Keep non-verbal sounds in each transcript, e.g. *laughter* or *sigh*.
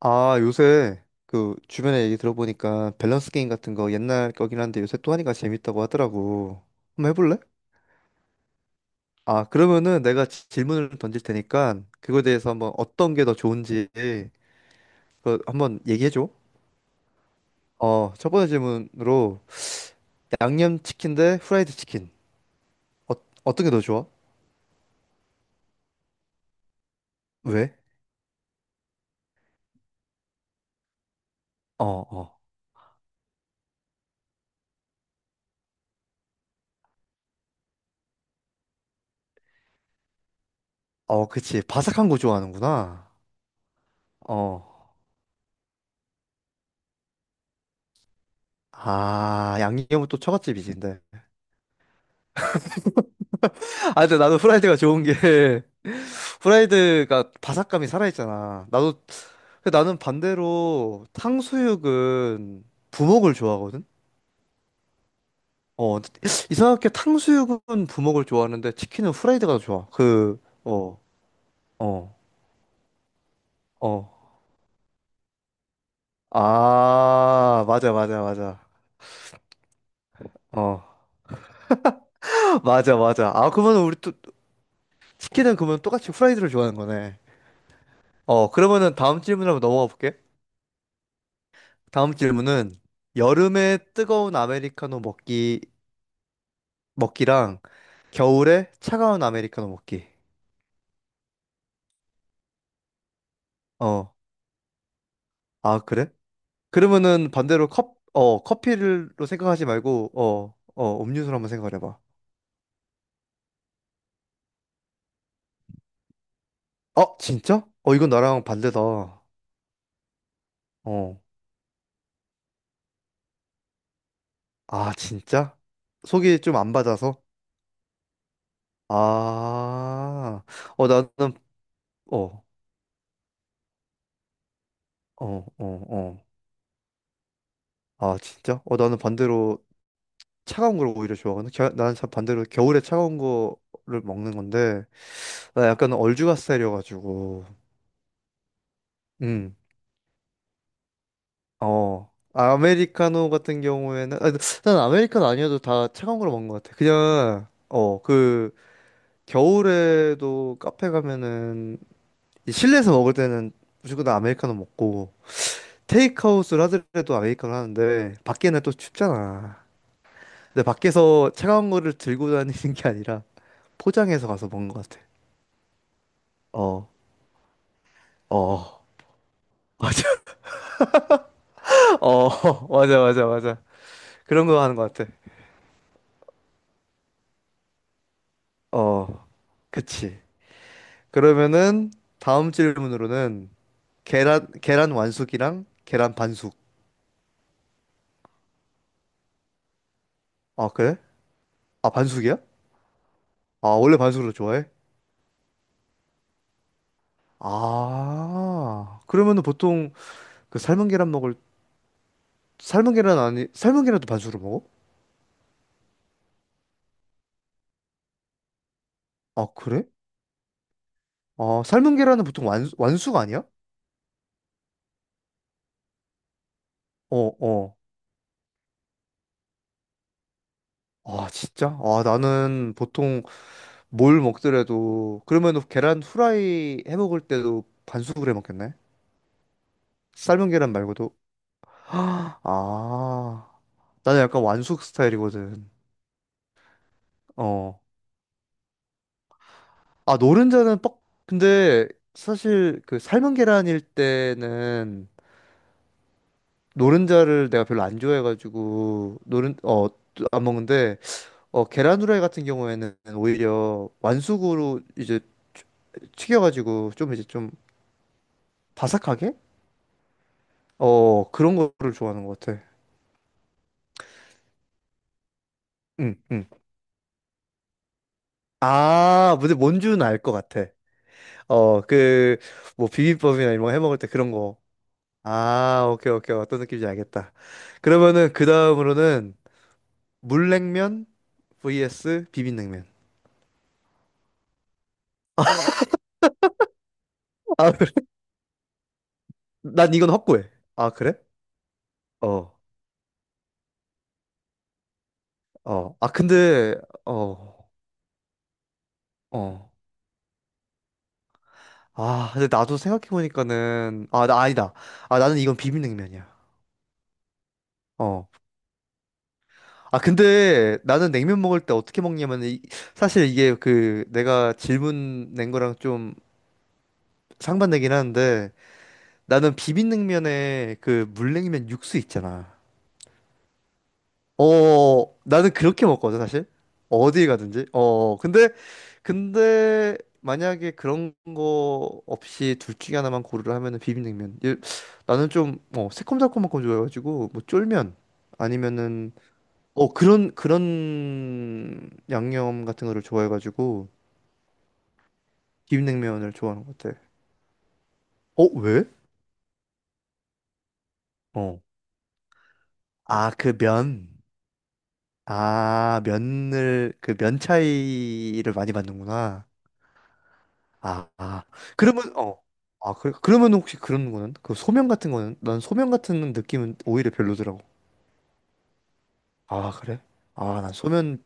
아, 요새 그 주변에 얘기 들어보니까 밸런스 게임 같은 거 옛날 거긴 한데 요새 또 하니까 재밌다고 하더라고. 한번 해볼래? 아, 그러면은 내가 질문을 던질 테니까 그거에 대해서 한번 어떤 게 더 좋은지 그거 한번 얘기해줘. 어, 첫 번째 질문으로 양념치킨 대 후라이드 치킨. 어, 어떤 게 더 좋아? 왜? 어, 어. 어, 그치. 바삭한 거 좋아하는구나. 어. 아, 양념은 또 처갓집이지, 근데. *laughs* 아, 근데 나도 후라이드가 좋은 게 프라이드가 바삭함이 살아있잖아. 나도 근데 나는 반대로 탕수육은 부먹을 좋아하거든. 어, 이상하게 탕수육은 부먹을 좋아하는데 치킨은 후라이드가 더 좋아. 그 어 어 어. 아, 맞아 맞아 맞아. 어 *laughs* 맞아 맞아. 아, 그러면 우리 또 치킨은 그러면 똑같이 후라이드를 좋아하는 거네. 어, 그러면은 다음 질문 한번 넘어가 볼게. 다음 질문은 여름에 뜨거운 아메리카노 먹기 먹기랑 겨울에 차가운 아메리카노 먹기. 어, 아, 그래? 그러면은 반대로 컵, 어, 커피로 생각하지 말고, 어, 어, 음료수로 한번 생각을 해봐. 어, 진짜? 어, 이건 나랑 반대다. 어, 아, 진짜? 속이 좀 안 받아서? 아, 어, 나는, 어, 어, 어, 어. 아, 진짜? 어, 나는 반대로 차가운 걸 오히려 좋아하거든. 겨, 나는 참 반대로 겨울에 차가운 거를 먹는 건데, 나 약간 얼죽가 스타일이어가지고, 음. 어, 아, 아메리카노 같은 경우에는, 아, 난 아메리카노 아니어도 다 차가운 걸 먹는 것 같아. 그냥, 어, 그, 겨울에도 카페 가면은, 이 실내에서 먹을 때는 무조건 다 아메리카노 먹고, 테이크아웃을 하더라도 아메리카노 하는데, 밖에는 또 춥잖아. 근데 밖에서 차가운 거를 들고 다니는 게 아니라, 포장해서 가서 먹는 것 같아. 어, 어, *laughs* 맞아. 어, *laughs* 맞아, 맞아, 맞아. 그런 거 하는 것 같아. 어, 그치. 그러면은 다음 질문으로는 계란 완숙이랑 계란 반숙. 아, 그래? 아, 반숙이야? 아, 원래 반숙을 좋아해? 아. 그러면은 보통 그 삶은 계란 먹을 삶은 계란 아니 삶은 계란도 반숙으로 먹어? 아, 그래? 아, 삶은 계란은 보통 완 완숙 아니야? 어, 어. 아, 진짜? 아, 나는 보통 뭘 먹더라도 그러면은 계란 후라이 해 먹을 때도 반숙을 해 먹겠네. 삶은 계란 말고도. *gasps* 아. 나는 약간 완숙 스타일이거든. 어. 아, 노른자는 뻑. 근데 사실 그 삶은 계란일 때는 노른자를 내가 별로 안 좋아해가지고 노른 어 안 먹는데 어 계란 후라이 같은 경우에는 오히려 완숙으로 이제 튀- 튀겨가지고 좀 이제 좀 바삭하게 어 그런 거를 좋아하는 것 같아. 응, 응. 아, 근데 뭔 줄은 알 것 같아. 어, 그, 뭐, 비빔밥이나 이런 거 해 먹을 때 그런 거. 아, 오케이, 오케이. 어떤 느낌인지 알겠다. 그러면은 그 다음으로는 물냉면 vs 비빔냉면. 아, 그래. 난 이건 확고해. 아, 그래? 어, 어. 아, 근데, 어, 어. 아, 근데 나도 생각해보니까는, 아, 나 아니다. 아, 나는 이건 비빔냉면이야. 어. 아, 근데 나는 냉면 먹을 때 어떻게 먹냐면, 이, 사실 이게 그 내가 질문 낸 거랑 좀 상반되긴 하는데, 나는 비빔냉면에 그 물냉면 육수 있잖아. 어, 나는 그렇게 먹거든, 사실. 어디 가든지. 어, 근데, 근데, 만약에 그런 거 없이 둘 중에 하나만 고르라 하면은 비빔냉면. 예, 나는 좀, 어, 새콤달콤한 거 좋아해가지고, 뭐, 쫄면, 아니면은, 어, 그런, 그런 양념 같은 거를 좋아해가지고, 비빔냉면을 좋아하는 것 같아. 어, 왜? 어. 아, 그 면. 아, 면을, 그 면 차이를 많이 받는구나. 아, 아. 그러면 어. 아, 그, 그러면 혹시 그런 거는? 그 소면 같은 거는? 난 소면 같은 느낌은 오히려 별로더라고. 아, 그래? 아, 난 소면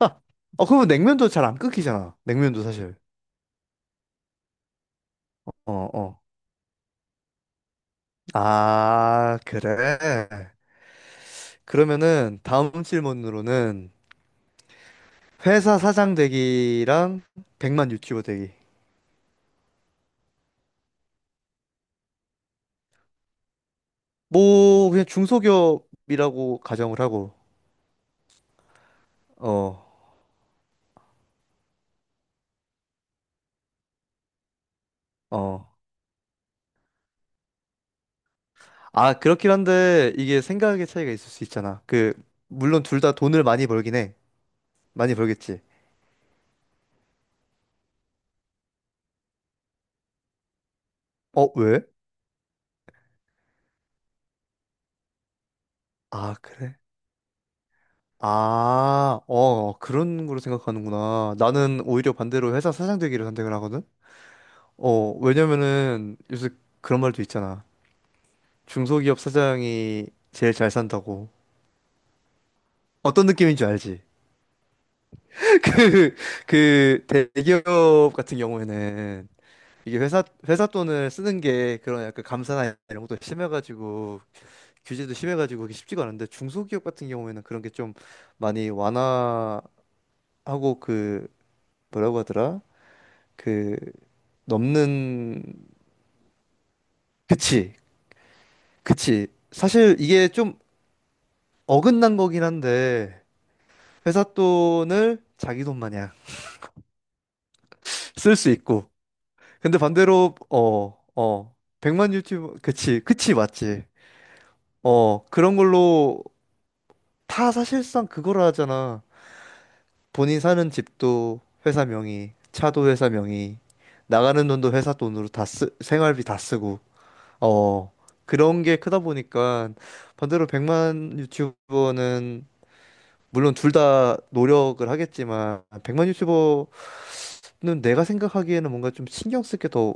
아, 어, 그러면 냉면도 잘 안 끓기잖아. 냉면도 사실. 어, 어. 아, 그래. 그러면은 다음 질문으로는 회사 사장 되기랑 100만 유튜버 되기. 뭐 그냥 중소기업이라고 가정을 하고. 어, 어. 아, 그렇긴 한데 이게 생각의 차이가 있을 수 있잖아. 그 물론 둘 다 돈을 많이 벌긴 해. 많이 벌겠지. 어, 왜? 아, 그래? 아, 어, 그런 거로 생각하는구나. 나는 오히려 반대로 회사 사장 되기를 선택을 하거든. 어, 왜냐면은 요새 그런 말도 있잖아. 중소기업 사장이 제일 잘 산다고. 어떤 느낌인 줄 알지? *laughs* 그, 그 대기업 같은 경우에는 이게 회사 돈을 쓰는 게 그런 약간 감사나 이런 것도 심해가지고 규제도 심해가지고 그게 쉽지가 않은데 중소기업 같은 경우에는 그런 게 좀 많이 완화하고 그 뭐라고 하더라? 그 넘는 그치 그치 사실 이게 좀 어긋난 거긴 한데 회사 돈을 자기 돈 마냥 쓸 수 있고 근데 반대로 어 어 100만 유튜브 그치 그치 맞지 어 그런 걸로 다 사실상 그거라 하잖아 본인 사는 집도 회사 명의, 차도 회사 명의, 나가는 돈도 회사 돈으로 다 쓰, 생활비 다 쓰고, 어, 그런 게 크다 보니까 반대로 100만 유튜버는 물론 둘 다 노력을 하겠지만 100만 유튜버는 내가 생각하기에는 뭔가 좀 신경 쓸 게 더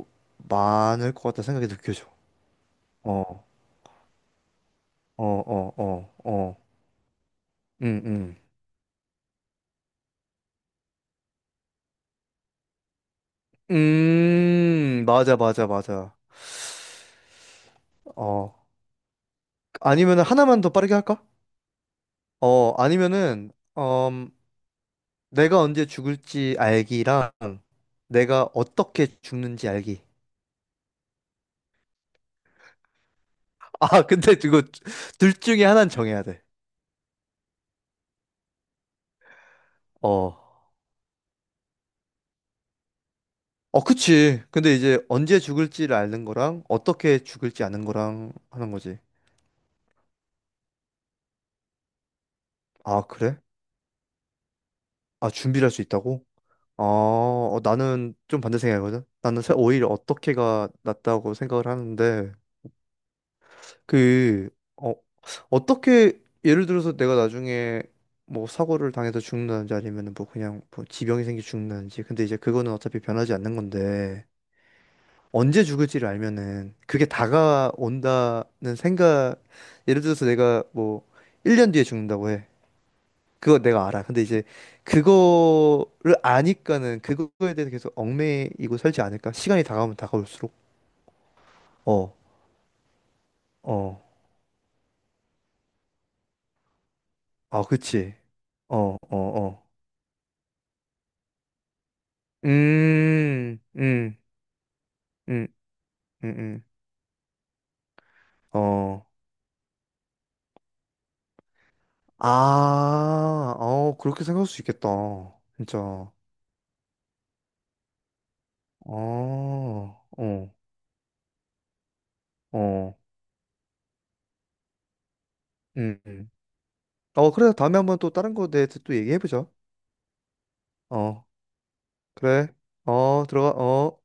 많을 것 같다는 생각이 느껴져. 어, 어, 어, 어, 어. 음, 음. 맞아, 맞아, 맞아. 어. 아니면 하나만 더 빠르게 할까? 어, 아니면은, 음, 내가 언제 죽을지 알기랑 내가 어떻게 죽는지 알기. *laughs* 아, 근데 이거 둘 중에 하나는 정해야 돼. 어. 어, 그치. 근데 이제 언제 죽을지를 아는 거랑 어떻게 죽을지 아는 거랑 하는 거지. 아, 그래? 아, 준비를 할 수 있다고? 아, 어, 나는 좀 반대 생각이거든. 나는 오히려 어떻게가 낫다고 생각을 하는데, 그, 어, 어떻게, 예를 들어서 내가 나중에 뭐 사고를 당해서 죽는다든지 아니면 뭐 그냥 뭐 지병이 생겨 죽는다든지. 근데 이제 그거는 어차피 변하지 않는 건데, 언제 죽을지를 알면은 그게 다가온다는 생각, 예를 들어서 내가 뭐 1년 뒤에 죽는다고 해. 그거 내가 알아. 근데 이제 그거를 아니까는 그거에 대해서 계속 얽매이고 살지 않을까? 시간이 다가오면 다가올수록. 어, 어. 아, 그치. 어, 어, 어. 음, 음, 음, 음, 음. 어, 아, 어, 그렇게 생각할 수 있겠다. 진짜. 어, 어, 어, 음, 음. 어, 그래. 다음에 한번 또 다른 거에 대해서 또 얘기해보자. 어, 그래. 어, 들어가, 어.